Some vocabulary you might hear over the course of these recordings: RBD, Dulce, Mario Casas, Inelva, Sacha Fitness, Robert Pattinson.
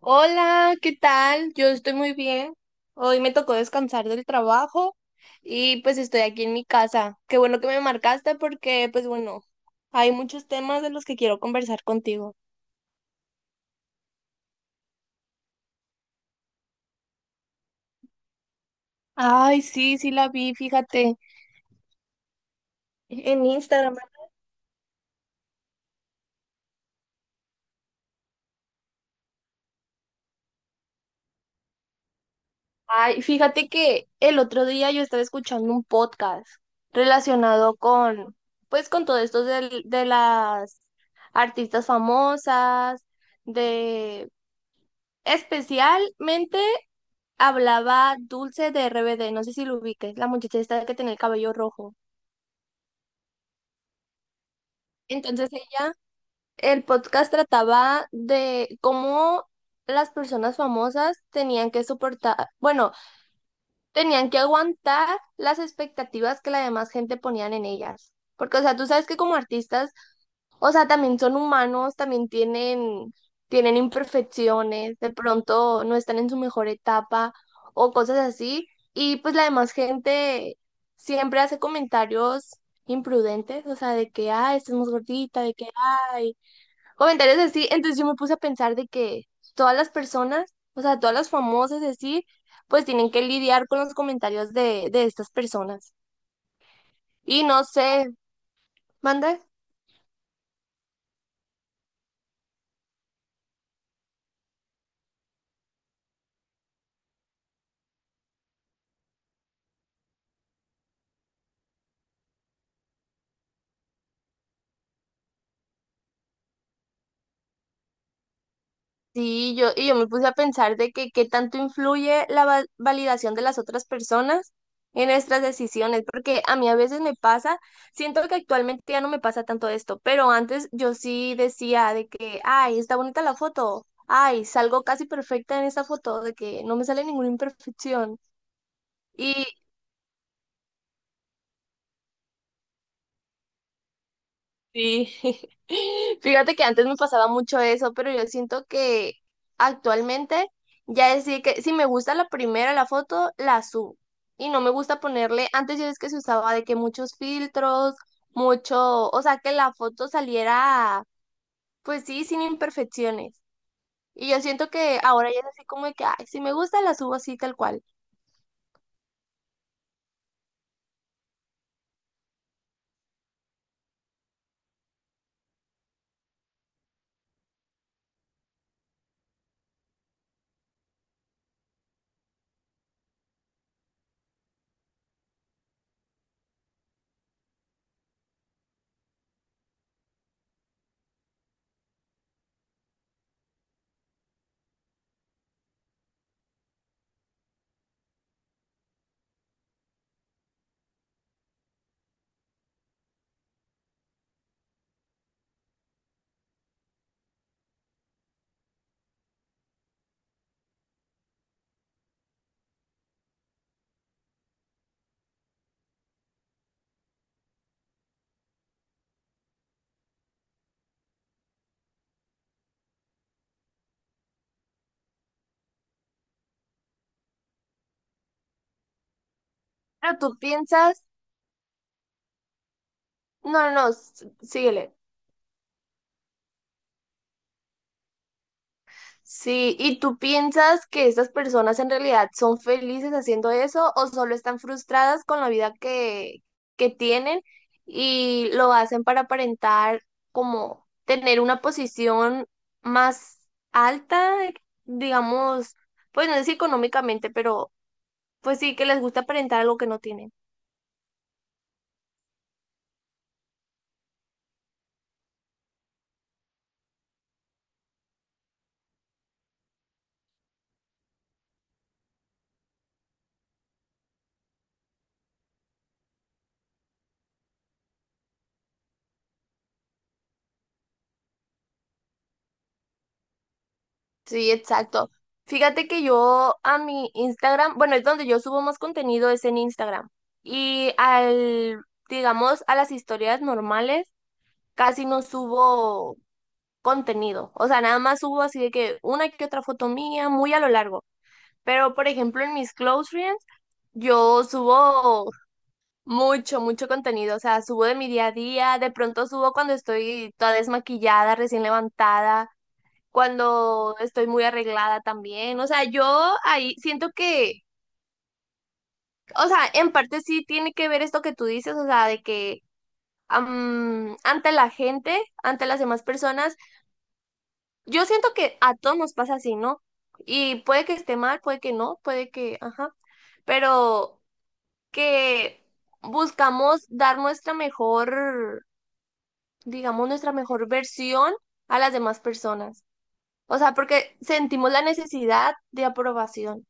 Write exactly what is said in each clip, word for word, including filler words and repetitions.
Hola, ¿qué tal? Yo estoy muy bien. Hoy me tocó descansar del trabajo y pues estoy aquí en mi casa. Qué bueno que me marcaste porque pues bueno, hay muchos temas de los que quiero conversar contigo. Ay, sí, sí la vi, fíjate, en Instagram. Ay, fíjate que el otro día yo estaba escuchando un podcast relacionado con pues con todo esto del- de las artistas famosas, de especialmente hablaba Dulce de R B D, no sé si lo ubiques, la muchacha esta que tenía el cabello rojo. Entonces ella, el podcast trataba de cómo las personas famosas tenían que soportar, bueno, tenían que aguantar las expectativas que la demás gente ponían en ellas. Porque, o sea, tú sabes que como artistas. O sea, también son humanos, también tienen, tienen imperfecciones, de pronto no están en su mejor etapa o cosas así. Y pues la demás gente siempre hace comentarios imprudentes, o sea, de que, ay, estás más gordita, de que, ay, comentarios así. Entonces yo me puse a pensar de que todas las personas, o sea, todas las famosas así, pues tienen que lidiar con los comentarios de, de estas personas. Y no sé, manda. Sí, yo, y yo me puse a pensar de que qué tanto influye la va- validación de las otras personas en nuestras decisiones, porque a mí a veces me pasa, siento que actualmente ya no me pasa tanto esto, pero antes yo sí decía de que, ay, está bonita la foto, ay, salgo casi perfecta en esa foto, de que no me sale ninguna imperfección. Sí, fíjate que antes me pasaba mucho eso, pero yo siento que actualmente ya es de que si me gusta la primera, la foto, la subo. Y no me gusta ponerle, antes ya es que se usaba de que muchos filtros, mucho, o sea, que la foto saliera, pues sí, sin imperfecciones. Y yo siento que ahora ya es así como de que, ay, si me gusta, la subo así tal cual. Pero tú piensas... No, no, no, s- síguele. Sí, ¿y tú piensas que estas personas en realidad son felices haciendo eso o solo están frustradas con la vida que, que tienen y lo hacen para aparentar como tener una posición más alta, digamos, pues no sé si económicamente, pero pues sí que les gusta aparentar algo que no tienen? Sí, exacto. Fíjate que yo a mi Instagram, bueno, es donde yo subo más contenido, es en Instagram. Y al, digamos, a las historias normales, casi no subo contenido. O sea, nada más subo así de que una que otra foto mía, muy a lo largo. Pero, por ejemplo, en mis close friends, yo subo mucho, mucho contenido. O sea, subo de mi día a día, de pronto subo cuando estoy toda desmaquillada, recién levantada cuando estoy muy arreglada también. O sea, yo ahí siento que, o sea, en parte sí tiene que ver esto que tú dices, o sea, de que am, ante la gente, ante las demás personas, yo siento que a todos nos pasa así, ¿no? Y puede que esté mal, puede que no, puede que, ajá, pero que buscamos dar nuestra mejor, digamos, nuestra mejor versión a las demás personas. O sea, porque sentimos la necesidad de aprobación.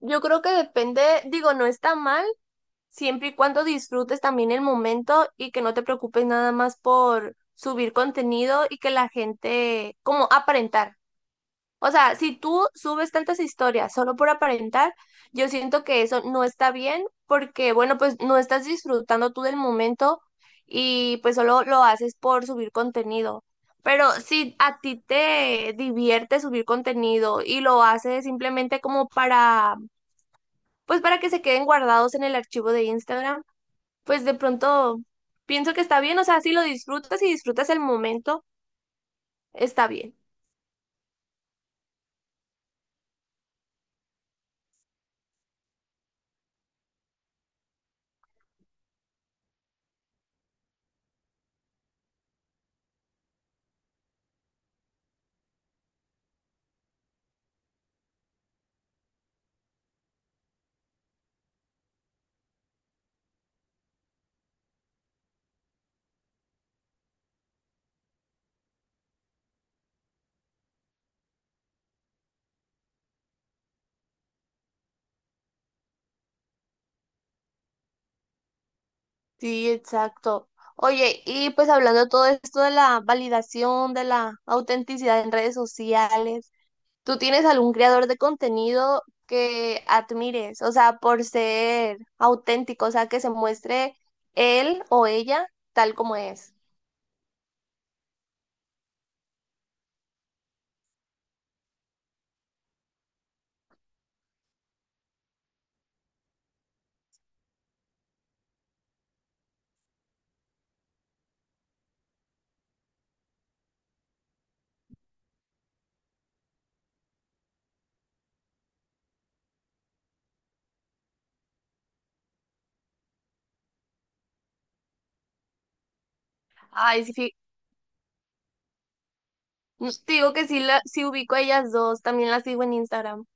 Yo creo que depende, digo, no está mal, siempre y cuando disfrutes también el momento y que no te preocupes nada más por subir contenido y que la gente, como aparentar. O sea, si tú subes tantas historias solo por aparentar, yo siento que eso no está bien porque, bueno, pues no estás disfrutando tú del momento y pues solo lo haces por subir contenido. Pero si a ti te divierte subir contenido y lo haces simplemente como para pues para que se queden guardados en el archivo de Instagram, pues de pronto pienso que está bien, o sea, si lo disfrutas y disfrutas el momento, está bien. Sí, exacto. Oye, y pues hablando de todo esto de la validación, de la autenticidad en redes sociales, ¿tú tienes algún creador de contenido que admires? O sea, por ser auténtico, o sea, que se muestre él o ella tal como es. Ay, sí, fi- te digo que sí, la, sí ubico a ellas dos, también las sigo en Instagram.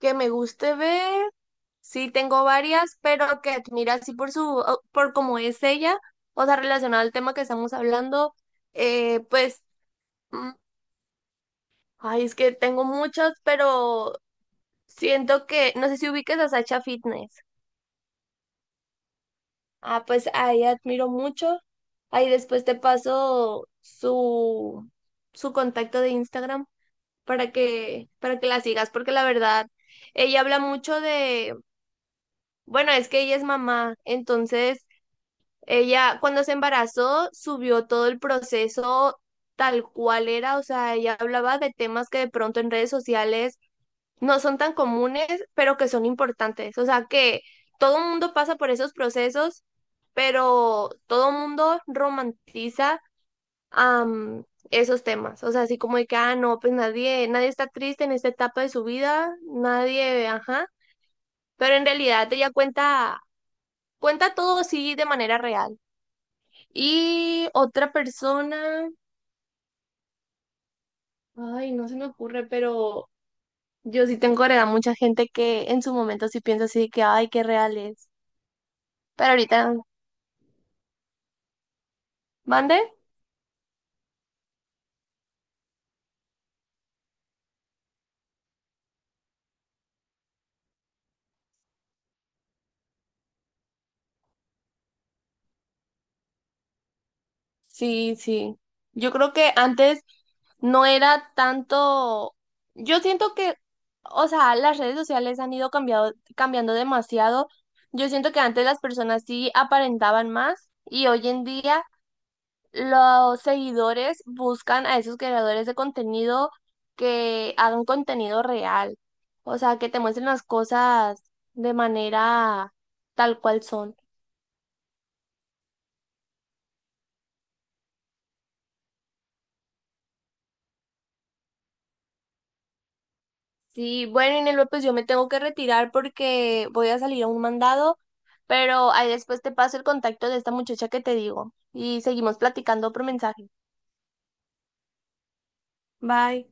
Que me guste ver, sí tengo varias, pero que admira así por su, o- por cómo es ella, o sea, relacionada al tema que estamos hablando, eh, pues, mm, ay, es que tengo muchos, pero siento que, no sé si ubiques a Sacha Fitness. Ah, pues a ella admiro mucho. Ahí después te paso su, su contacto de Instagram para que, para que la sigas, porque la verdad, ella habla mucho de, bueno, es que ella es mamá, entonces ella, cuando se embarazó, subió todo el proceso tal cual era, o sea, ella hablaba de temas que de pronto en redes sociales no son tan comunes, pero que son importantes. O sea, que todo el mundo pasa por esos procesos, pero todo el mundo romantiza am, esos temas. O sea, así como de que, ah, no, pues nadie, nadie está triste en esta etapa de su vida, nadie, ajá. Pero en realidad ella cuenta, cuenta todo sí de manera real. Y otra persona, ay, no se me ocurre, pero yo sí tengo agregada mucha gente que en su momento sí piensa así de que, ay, qué real es. Pero ahorita, ¿mande? Sí, sí. Yo creo que antes no era tanto. Yo siento que, o sea, las redes sociales han ido cambiado, cambiando demasiado. Yo siento que antes las personas sí aparentaban más y hoy en día los seguidores buscan a esos creadores de contenido que hagan contenido real, o sea, que te muestren las cosas de manera tal cual son. Sí, bueno, Inelva, pues yo me tengo que retirar porque voy a salir a un mandado, pero ahí después te paso el contacto de esta muchacha que te digo y seguimos platicando por mensaje. Bye.